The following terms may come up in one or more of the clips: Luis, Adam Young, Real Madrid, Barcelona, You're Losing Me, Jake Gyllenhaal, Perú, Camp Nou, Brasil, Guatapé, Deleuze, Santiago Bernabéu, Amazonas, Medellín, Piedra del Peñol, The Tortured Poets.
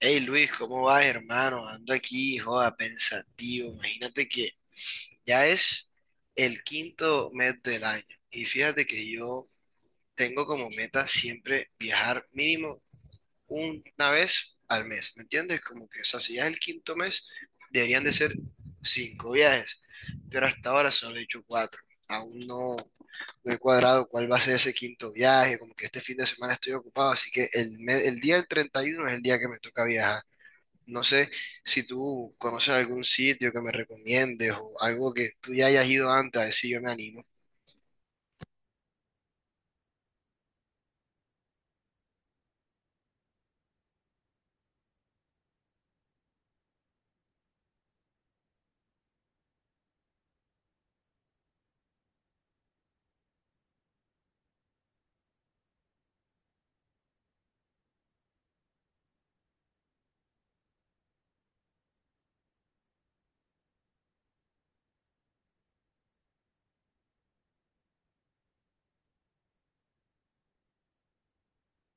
Hey Luis, ¿cómo vas, hermano? Ando aquí, joda, pensativo. Imagínate que ya es el quinto mes del año. Y fíjate que yo tengo como meta siempre viajar mínimo una vez al mes. ¿Me entiendes? Como que, o sea, si ya es el quinto mes, deberían de ser cinco viajes. Pero hasta ahora solo he hecho cuatro. Aún no, no he cuadrado cuál va a ser ese quinto viaje. Como que este fin de semana estoy ocupado, así que el día del 31 es el día que me toca viajar. No sé si tú conoces algún sitio que me recomiendes o algo que tú ya hayas ido antes, a ver si yo me animo.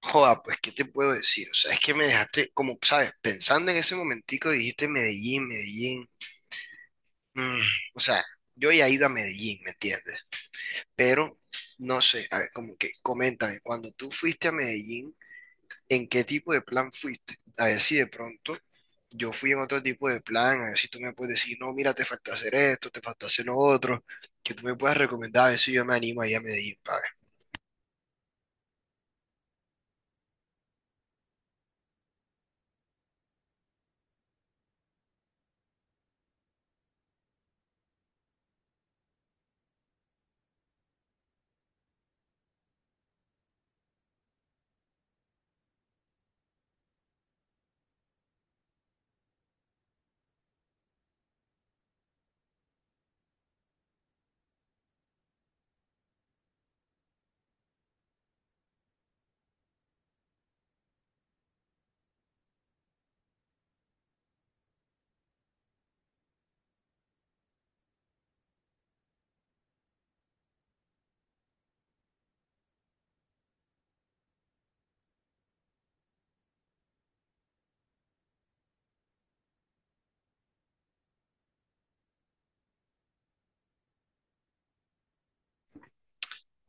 Joda, pues, ¿qué te puedo decir? O sea, es que me dejaste, como, ¿sabes? Pensando en ese momentico, dijiste Medellín, Medellín. Mm, o sea, yo ya he ido a Medellín, ¿me entiendes? Pero, no sé, a ver, como que, coméntame, cuando tú fuiste a Medellín, en qué tipo de plan fuiste. A ver si de pronto yo fui en otro tipo de plan, a ver si tú me puedes decir, no, mira, te falta hacer esto, te falta hacer lo otro, que tú me puedas recomendar, a ver si yo me animo a ir a Medellín, pa.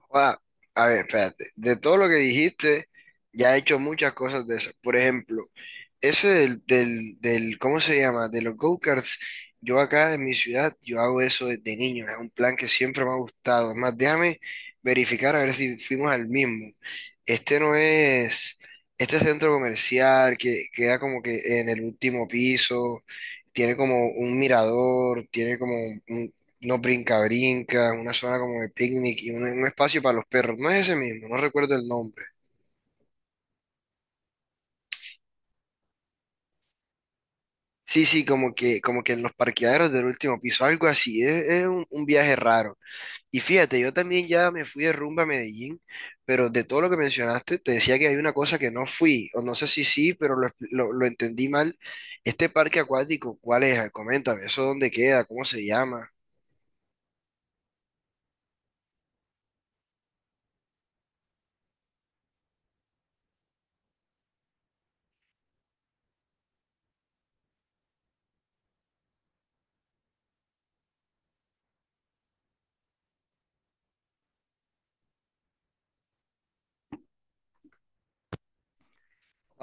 Joda, a ver, espérate. De todo lo que dijiste, ya he hecho muchas cosas de esas. Por ejemplo, ese ¿cómo se llama? De los go-karts. Yo acá en mi ciudad, yo hago eso desde niño. Es un plan que siempre me ha gustado. Es más, déjame verificar a ver si fuimos al mismo. Este no es, este centro comercial que queda como que en el último piso, tiene como un mirador, tiene como un, no brinca, brinca, una zona como de picnic y un espacio para los perros. No es ese mismo, no recuerdo el nombre. Sí, sí, como que en los parqueaderos del último piso, algo así. Es un viaje raro. Y fíjate, yo también ya me fui de rumba a Medellín, pero de todo lo que mencionaste, te decía que hay una cosa que no fui, o no sé si sí, pero lo entendí mal. Este parque acuático, ¿cuál es? Coméntame, ¿eso dónde queda? ¿Cómo se llama?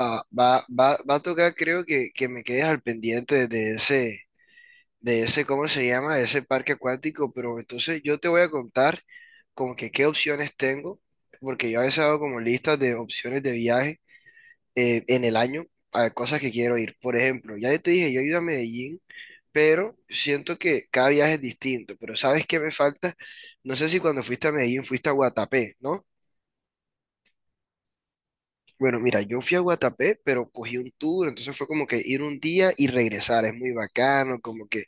Ah, va a tocar, creo que me quedes al pendiente de ese, ¿cómo se llama? De ese parque acuático, pero entonces yo te voy a contar como que qué opciones tengo, porque yo a veces hago como listas de opciones de viaje, en el año, a cosas que quiero ir. Por ejemplo, ya te dije, yo he ido a Medellín, pero siento que cada viaje es distinto, pero ¿sabes qué me falta? No sé si cuando fuiste a Medellín fuiste a Guatapé, ¿no? Bueno, mira, yo fui a Guatapé, pero cogí un tour, entonces fue como que ir un día y regresar, es muy bacano, como que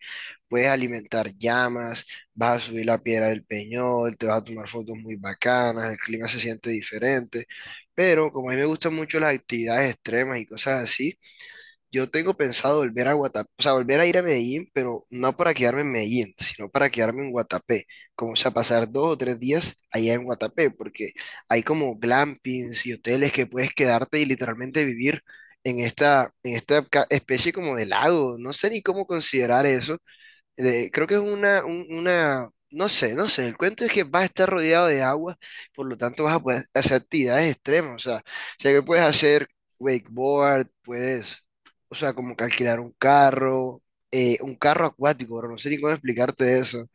puedes alimentar llamas, vas a subir la piedra del Peñol, te vas a tomar fotos muy bacanas, el clima se siente diferente, pero como a mí me gustan mucho las actividades extremas y cosas así, yo tengo pensado volver a Guatapé, o sea, volver a ir a Medellín, pero no para quedarme en Medellín, sino para quedarme en Guatapé, como o sea, pasar 2 o 3 días allá en Guatapé, porque hay como glampings y hoteles que puedes quedarte y literalmente vivir en esta especie como de lago, no sé ni cómo considerar eso, creo que es una, no sé, no sé, el cuento es que vas a estar rodeado de agua, por lo tanto vas a poder hacer actividades extremas, o sea que puedes hacer wakeboard, puedes, o sea, como que alquilar un carro acuático, bro, no sé ni cómo explicarte eso.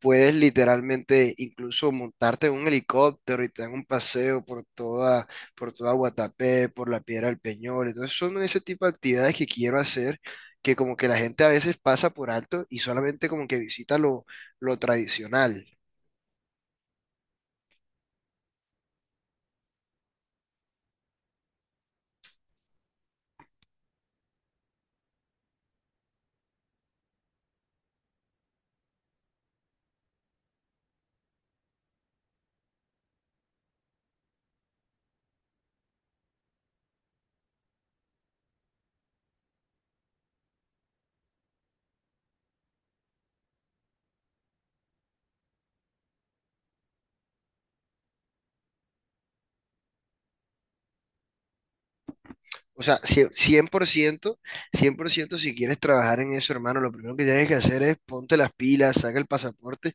Puedes literalmente incluso montarte en un helicóptero y te dan un paseo por toda Guatapé, por la Piedra del Peñol. Entonces son ese tipo de actividades que quiero hacer, que como que la gente a veces pasa por alto y solamente como que visita lo tradicional. O sea, cien por ciento si quieres trabajar en eso, hermano, lo primero que tienes que hacer es ponte las pilas, saca el pasaporte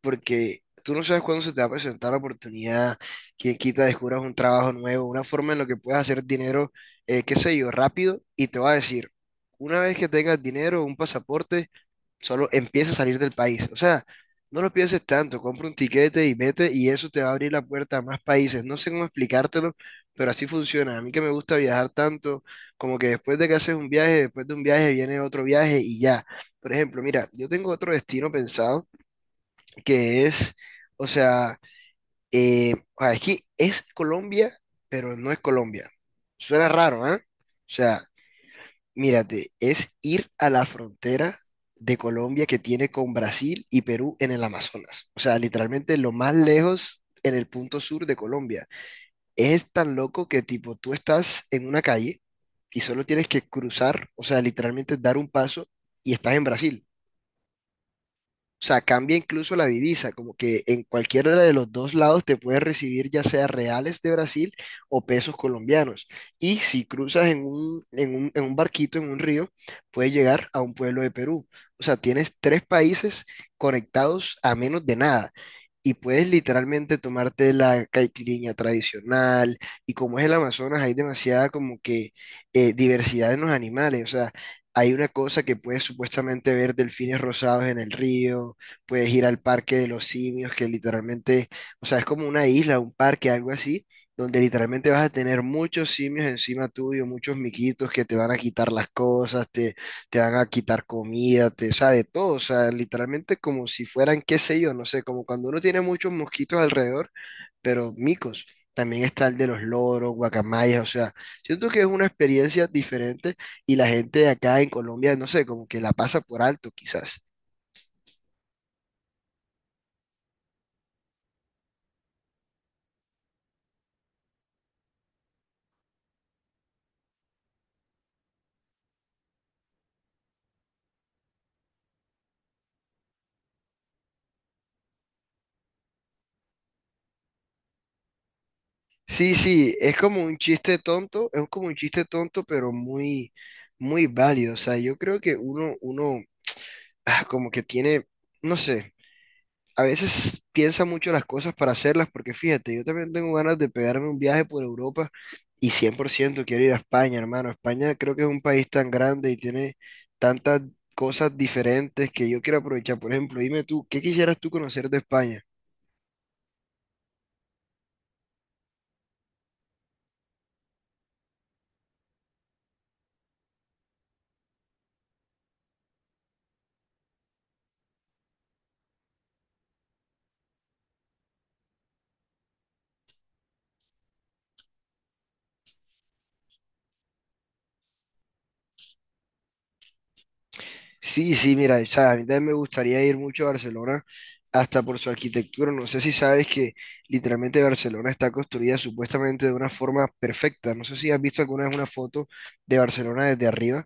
porque tú no sabes cuándo se te va a presentar la oportunidad, que quita descubras un trabajo nuevo, una forma en la que puedas hacer dinero, qué sé yo, rápido, y te va a decir, una vez que tengas dinero, un pasaporte, solo empieza a salir del país. O sea, no lo pienses tanto, compra un tiquete y vete, y eso te va a abrir la puerta a más países. No sé cómo explicártelo, pero así funciona. A mí que me gusta viajar tanto, como que después de que haces un viaje, después de un viaje viene otro viaje y ya. Por ejemplo, mira, yo tengo otro destino pensado que es, o sea, es que es Colombia, pero no es Colombia. Suena raro, ¿eh? O sea, mírate, es ir a la frontera de Colombia que tiene con Brasil y Perú en el Amazonas. O sea, literalmente lo más lejos en el punto sur de Colombia. Es tan loco que tipo tú estás en una calle y solo tienes que cruzar, o sea, literalmente dar un paso y estás en Brasil. O sea, cambia incluso la divisa, como que en cualquiera de los dos lados te puedes recibir ya sea reales de Brasil o pesos colombianos. Y si cruzas en un barquito, en un río, puedes llegar a un pueblo de Perú. O sea, tienes tres países conectados a menos de nada. Y puedes literalmente tomarte la caipirinha tradicional. Y como es el Amazonas, hay demasiada como que diversidad en los animales. O sea, hay una cosa que puedes supuestamente ver delfines rosados en el río, puedes ir al parque de los simios, que literalmente, o sea, es como una isla, un parque, algo así, donde literalmente vas a tener muchos simios encima tuyo, muchos miquitos que te van a quitar las cosas, te van a quitar comida, o sea, de todo, o sea, literalmente como si fueran, qué sé yo, no sé, como cuando uno tiene muchos mosquitos alrededor pero micos. También está el de los loros, guacamayas, o sea, siento que es una experiencia diferente y la gente de acá en Colombia, no sé, como que la pasa por alto quizás. Sí, sí, es como un chiste tonto, es como un chiste tonto, pero muy, muy válido. O sea, yo creo que uno, como que tiene, no sé. A veces piensa mucho las cosas para hacerlas, porque fíjate, yo también tengo ganas de pegarme un viaje por Europa y 100% quiero ir a España, hermano. España creo que es un país tan grande y tiene tantas cosas diferentes que yo quiero aprovechar. Por ejemplo, dime tú, ¿qué quisieras tú conocer de España? Sí, sí, mira, o sea, a mí también me gustaría ir mucho a Barcelona, hasta por su arquitectura. No sé si sabes que literalmente Barcelona está construida supuestamente de una forma perfecta. No sé si has visto alguna vez una foto de Barcelona desde arriba,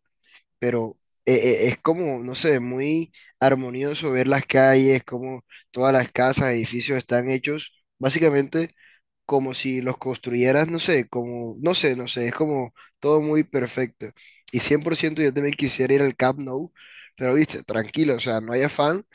pero es como, no sé, muy armonioso ver las calles, como todas las casas, edificios están hechos básicamente como si los construyeras, no sé, como, no sé, no sé, es como todo muy perfecto. Y 100% yo también quisiera ir al Camp Nou, pero viste, tranquilo, o sea, no hay afán.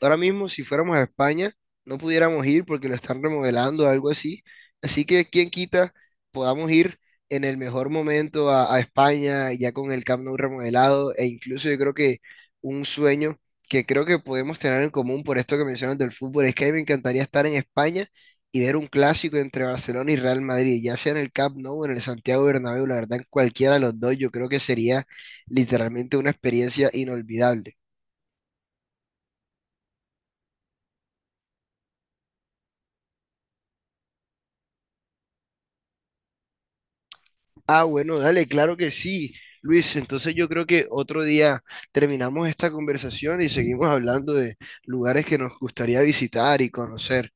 Ahora mismo, si fuéramos a España, no pudiéramos ir porque lo están remodelando o algo así. Así que, quién quita, podamos ir en el mejor momento a España, ya con el Camp Nou remodelado, e incluso yo creo que un sueño que creo que podemos tener en común por esto que mencionas del fútbol, es que a mí me encantaría estar en España y ver un clásico entre Barcelona y Real Madrid, ya sea en el Camp Nou o en el Santiago Bernabéu, la verdad, en cualquiera de los dos, yo creo que sería literalmente una experiencia inolvidable. Ah, bueno, dale, claro que sí, Luis. Entonces yo creo que otro día terminamos esta conversación y seguimos hablando de lugares que nos gustaría visitar y conocer.